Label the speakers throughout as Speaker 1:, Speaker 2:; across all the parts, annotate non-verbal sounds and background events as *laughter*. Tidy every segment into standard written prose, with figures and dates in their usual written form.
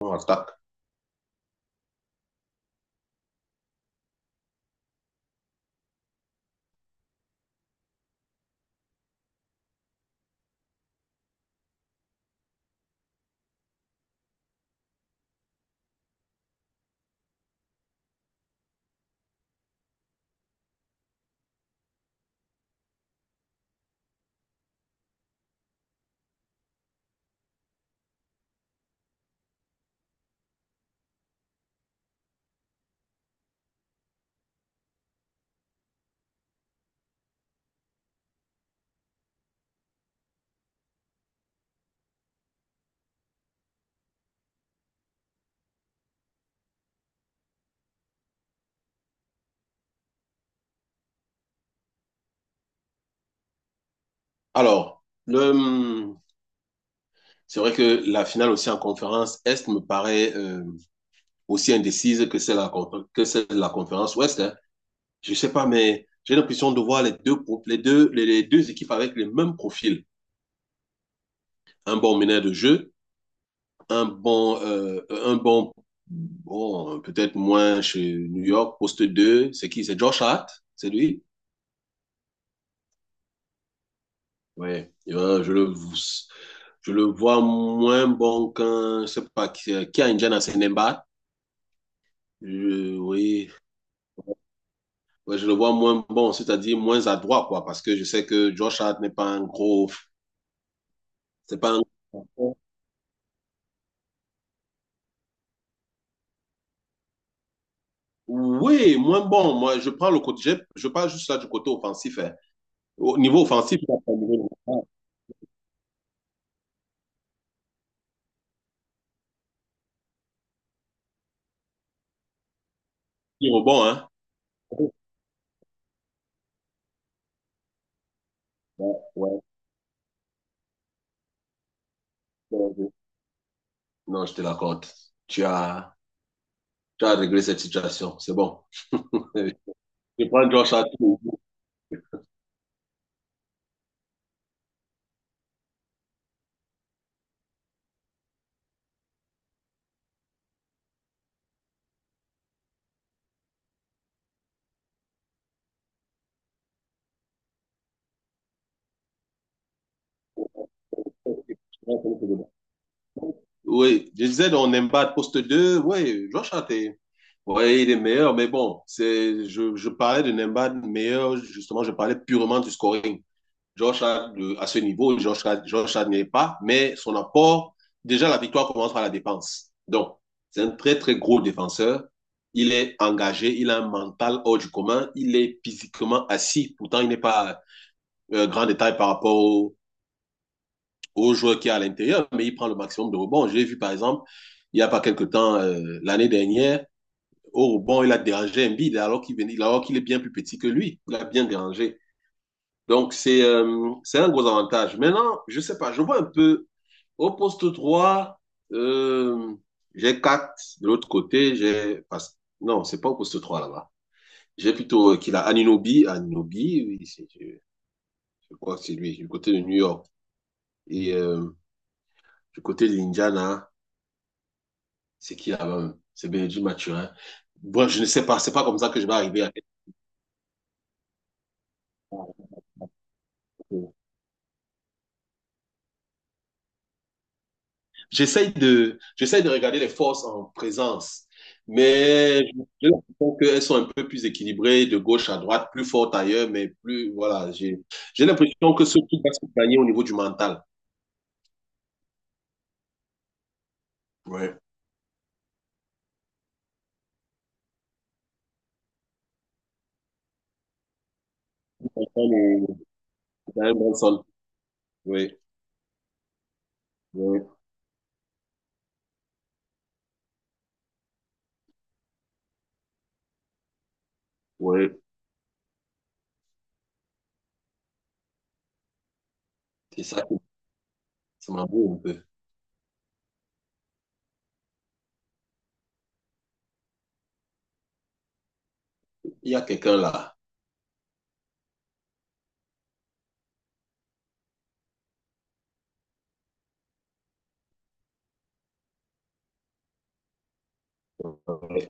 Speaker 1: On attaque. Alors, c'est vrai que la finale aussi en conférence Est me paraît aussi indécise que celle, que celle de la conférence Ouest, hein. Je ne sais pas, mais j'ai l'impression de voir les deux équipes avec les mêmes profils. Un bon meneur de jeu, un bon, euh, un bon, bon peut-être moins chez New York, poste 2. C'est qui? C'est Josh Hart? C'est lui? Ouais. Je le vois moins bon qu'un, je ne sais pas, qui a Indiana Senemba. Oui, ouais, je le vois moins bon, c'est-à-dire moins adroit, quoi, parce que je sais que Josh Hart n'est pas un gros, c'est pas un... Oui, moins bon. Moi, je prends le côté, je parle juste là du côté offensif, hein. Au niveau offensif, il a pas de niveau. Ah, il est bon, hein. Ouais, ouais, ouais, ouais. Non, je te l'accorde. Tu as, tu as réglé cette situation. C'est bon. Euh, Je prends Josh Hart. Oui, je disais, on Embiid poste deux. Oui, Josh Hart est- Oui, il est meilleur, mais bon, je parlais de Nembad meilleur, justement, je parlais purement du scoring. George Hart, à ce niveau, George Hart n'y est pas, mais son apport, déjà la victoire commence par la défense. Donc, c'est un très, très gros défenseur. Il est engagé, il a un mental hors du commun, il est physiquement assis. Pourtant, il n'est pas grand détail par rapport au joueur qui est à l'intérieur, mais il prend le maximum de rebonds. J'ai vu, par exemple, il n'y a pas quelque temps, l'année dernière, au rebond, il a dérangé Embiid alors qu'il venait, alors qu'il est bien plus petit que lui. Il a bien dérangé. Donc, c'est un gros avantage. Maintenant, je sais pas, je vois un peu au poste 3, euh, j'ai 4 de l'autre côté. J'ai pas- Non, c'est pas au poste 3 là-bas. J'ai plutôt qu'il a Anunobi. Anunobi, oui, je crois que c'est lui, du côté de New York. Et du côté de l'Indiana, c'est qui là-bas? Même c'est Benedict Mathurin. Bref, je ne sais pas, c'est pas comme ça que je vais arriver à. J'essaye de regarder les forces en présence, mais je pense qu'elles sont un peu plus équilibrées de gauche à droite, plus fortes ailleurs, mais plus, voilà, j'ai l'impression que ce qui va se gagner au niveau du mental. Ouais. Oui, oui, oui. C'est ça qui ça m'embrouille un peu. Il y a quelqu'un là. Ouais.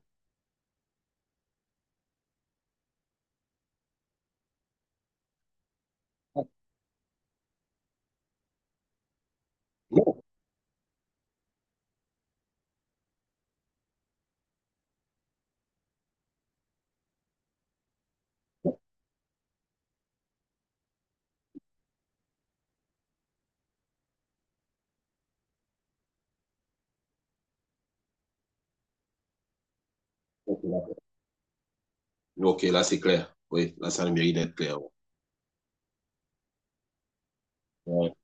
Speaker 1: Non. OK, là c'est clair. Oui, là ça a le mérite d'être clair. Ouais.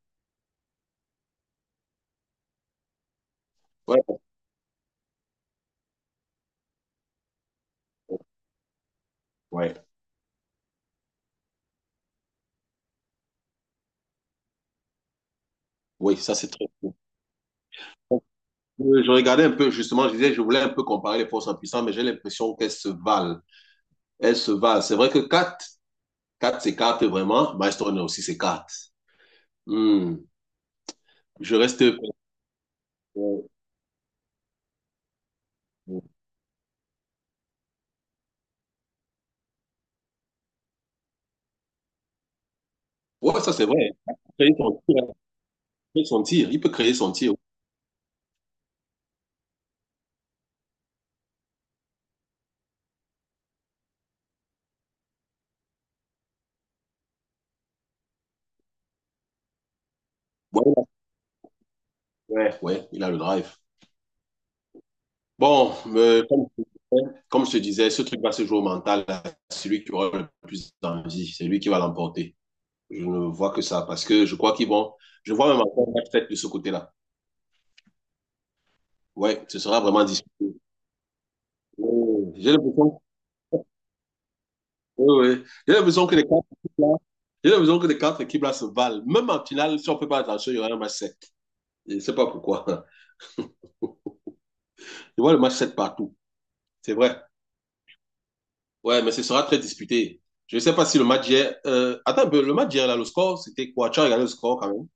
Speaker 1: Ouais. Ouais. Oui, ça c'est très cool. Je regardais un peu, justement, je disais, je voulais un peu comparer les forces en puissance, mais j'ai l'impression qu'elles se valent. Elles se valent. C'est vrai que quatre 4 s'écarte vraiment. Maestro aussi s'écarte. Hmm. Je reste. Ouais, ça c'est vrai. Il peut créer son tir. Il peut créer son tir. Il peut créer son tir. Ouais, ouais, ouais, il a le drive. Bon, comme je te disais, ce truc va se jouer au mental, à celui qui aura le plus d'envie, c'est lui qui va l'emporter. Je ne vois que ça parce que je crois qu'ils vont. Je vois même encore un match tête de ce côté-là. Ouais, ce sera vraiment disputé. Ouais, j'ai l'impression. Ouais, ouais. J'ai l'impression que les quatre équipes là, j'ai l'impression que les quatre équipes là se valent. Même en finale, si on ne fait pas attention, il y aura un match 7. Je ne sais pas pourquoi. *laughs* Je vois le match 7 partout. C'est vrai. Ouais, mais ce sera très disputé. Je ne sais pas si le match d'hier... attends un peu, le match d'hier, là, le score, c'était quoi? Tu as regardé le score quand même?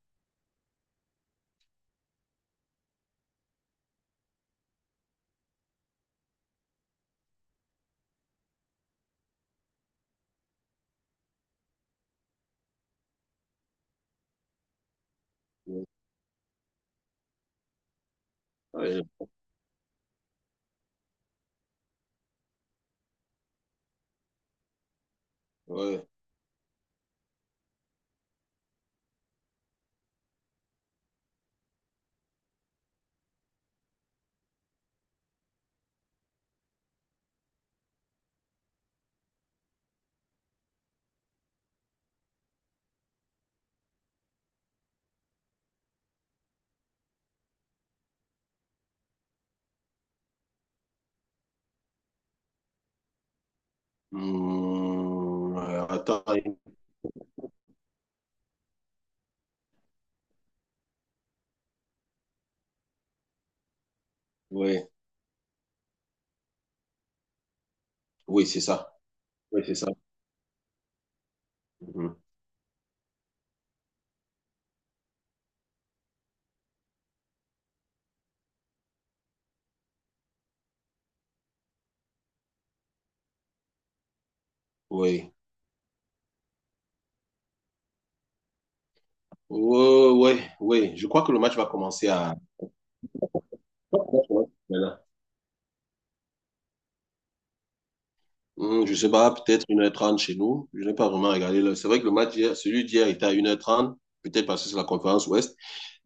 Speaker 1: Ouais. Ouais. Attends. Ouais. Oui, c'est ça. Oui, c'est ça. Mhm. Oui. Oui, oui, oui. Je crois que le match va commencer à. Ouais, ouais, ouais. Voilà. Je sais pas, peut-être 1h30 chez nous. Je n'ai pas vraiment regardé. C'est vrai que le match hier, celui d'hier était à 1h30, peut-être parce que c'est la conférence Ouest.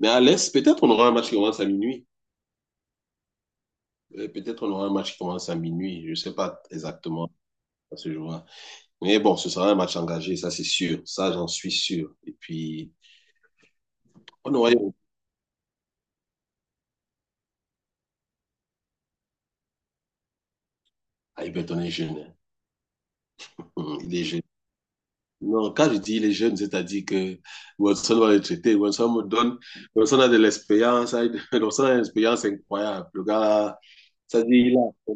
Speaker 1: Mais à l'Est, peut-être on aura un match qui commence à minuit. Peut-être on aura un match qui commence à minuit. Je ne sais pas exactement à ce jour-là. Mais bon, ce sera un match engagé, ça c'est sûr. Ça, j'en suis sûr. Et puis, on aura... Ah, Everton est jeune, hein. Il est jeune. Non, quand je dis il est jeune, c'est-à-dire que Watson va le traiter. Watson me donne... Watson a de l'expérience. *laughs* Hein. Watson a une expérience incroyable. Le gars... C'est-à-dire,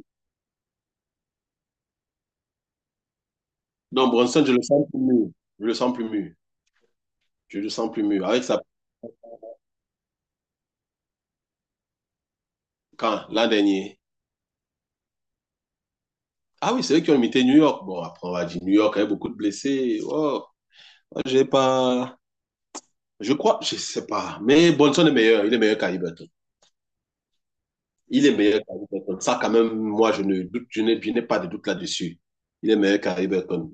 Speaker 1: Non, Bronson, je le sens plus mûr. Je le sens plus mûr. Je le sens plus mûr. Avec sa... Quand? L'an dernier. Ah oui, c'est eux qui ont imité New York. Bon, après, on va dire New York avait beaucoup de blessés. Oh, j'ai pas... Je crois, je sais pas. Mais Bronson est meilleur. Il est meilleur qu'Haliburton. Il est meilleur qu'Haliburton. Ça, quand même, moi, je ne doute, je n'ai pas de doute là-dessus. Il est meilleur qu'Haliburton.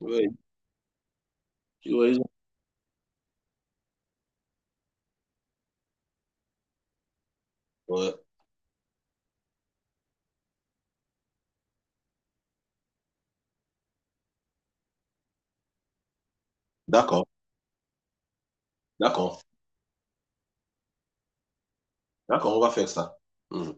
Speaker 1: Oui, tu as raison. Ouais. D'accord, d'accord, d'accord, on va faire ça. Hmm.